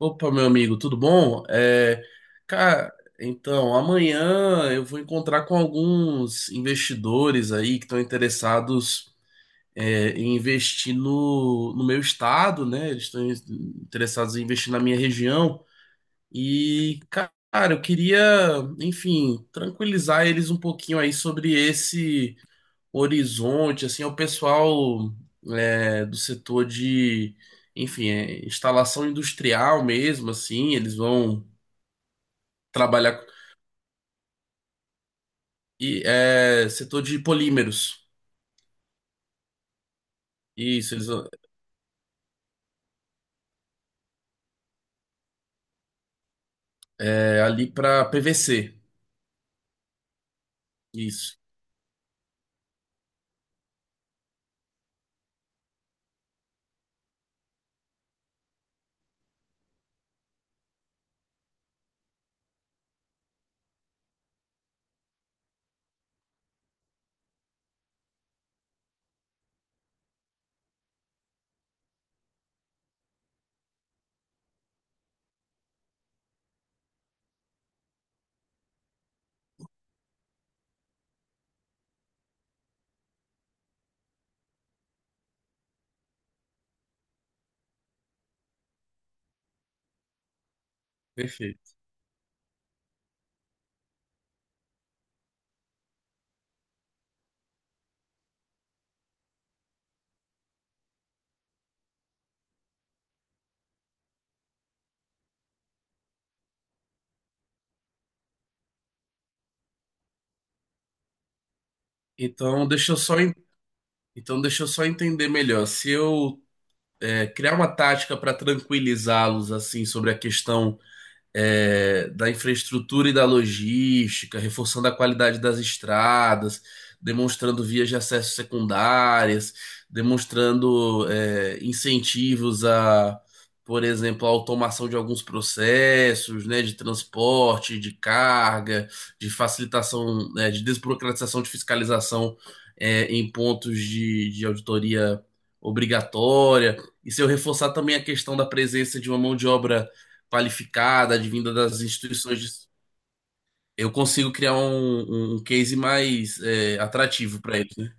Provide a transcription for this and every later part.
Opa, meu amigo, tudo bom? Cara, então, amanhã eu vou encontrar com alguns investidores aí que estão interessados em investir no meu estado, né? Eles estão interessados em investir na minha região. E, cara, eu queria, enfim, tranquilizar eles um pouquinho aí sobre esse. Horizonte, assim, é o pessoal do setor de, enfim, instalação industrial mesmo, assim, eles vão trabalhar com- setor de polímeros. Isso, eles vão- ali para PVC. Isso, perfeito. Então, deixa eu só en- então deixa eu só entender melhor. Se eu criar uma tática para tranquilizá-los assim sobre a questão da infraestrutura e da logística, reforçando a qualidade das estradas, demonstrando vias de acesso secundárias, demonstrando incentivos a, por exemplo, a automação de alguns processos, né, de transporte, de carga, de facilitação, né, de desburocratização de fiscalização em pontos de auditoria obrigatória. E se eu reforçar também a questão da presença de uma mão de obra qualificada, advinda das instituições, de- eu consigo criar um case mais atrativo para eles, né?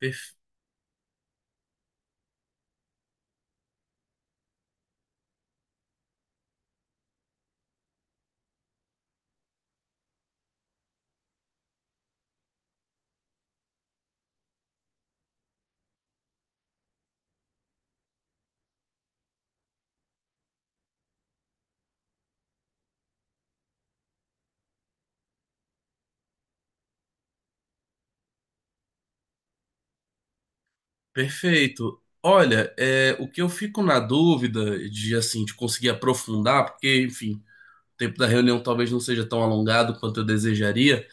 Perf- Perfeito. Olha, o que eu fico na dúvida de assim de conseguir aprofundar, porque, enfim, o tempo da reunião talvez não seja tão alongado quanto eu desejaria.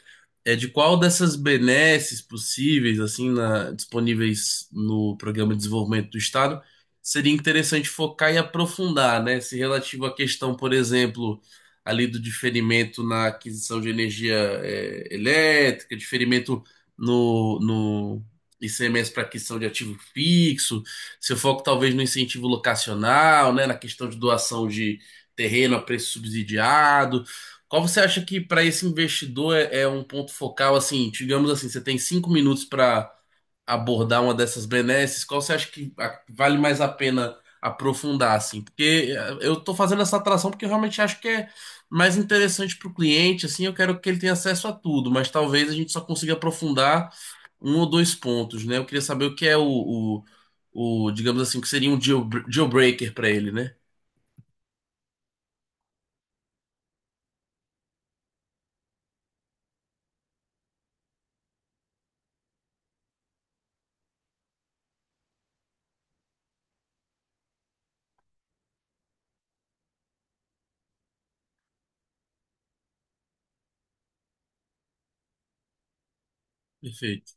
É de qual dessas benesses possíveis, assim, na- disponíveis no Programa de Desenvolvimento do Estado, seria interessante focar e aprofundar, né? Se relativo à questão, por exemplo, ali do diferimento na aquisição de energia elétrica, diferimento no ICMS para aquisição de ativo fixo, seu foco talvez no incentivo locacional, né? Na questão de doação de terreno a preço subsidiado. Qual você acha que para esse investidor é um ponto focal, assim, digamos assim, você tem 5 minutos para abordar uma dessas benesses, qual você acha que a- vale mais a pena aprofundar, assim? Porque eu estou fazendo essa atração porque eu realmente acho que é mais interessante para o cliente, assim, eu quero que ele tenha acesso a tudo, mas talvez a gente só consiga aprofundar um ou dois pontos, né? Eu queria saber o que é o, digamos assim, o que seria um deal breaker para ele, né? Perfeito,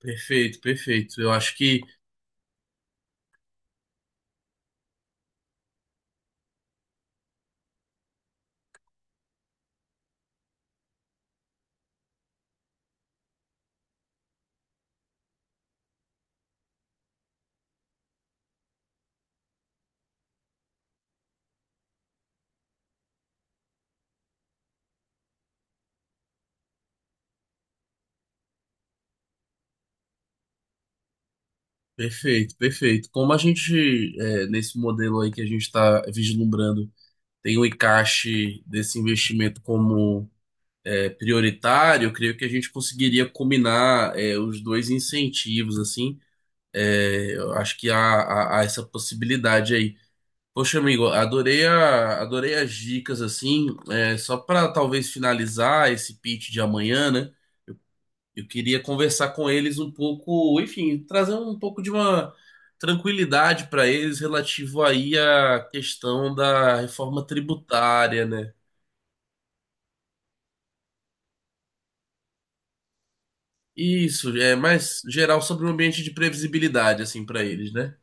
perfeito. Eu acho que perfeito, perfeito. Como a gente, nesse modelo aí que a gente está vislumbrando, tem o encaixe desse investimento como prioritário, eu creio que a gente conseguiria combinar os dois incentivos, assim. É, eu acho que há essa possibilidade aí. Poxa, amigo, adorei as dicas, assim. É, só para talvez finalizar esse pitch de amanhã, né? Eu queria conversar com eles um pouco, enfim, trazer um pouco de uma tranquilidade para eles relativo aí à questão da reforma tributária, né? Isso, é mais geral sobre o ambiente de previsibilidade, assim, para eles, né?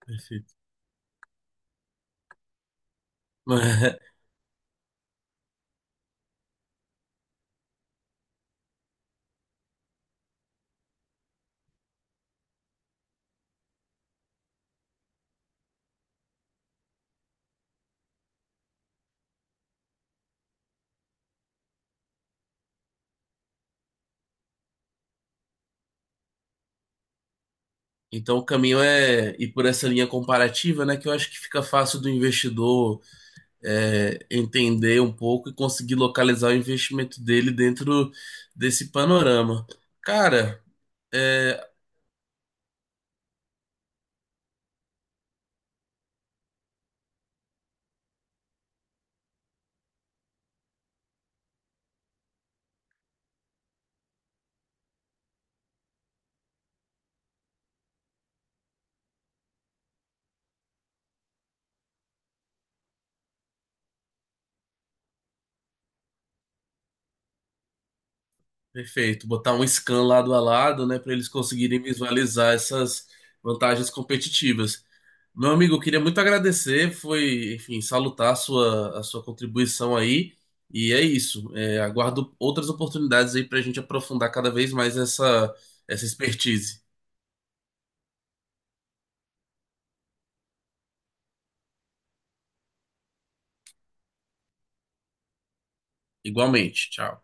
Perfeito. Então o caminho é ir por essa linha comparativa, né? Que eu acho que fica fácil do investidor entender um pouco e conseguir localizar o investimento dele dentro desse panorama. Cara. é, Perfeito, botar um scan lado a lado, né, para eles conseguirem visualizar essas vantagens competitivas. Meu amigo, eu queria muito agradecer, foi, enfim, salutar a a sua contribuição aí, e é isso. É, aguardo outras oportunidades aí para a gente aprofundar cada vez mais essa expertise. Igualmente, tchau.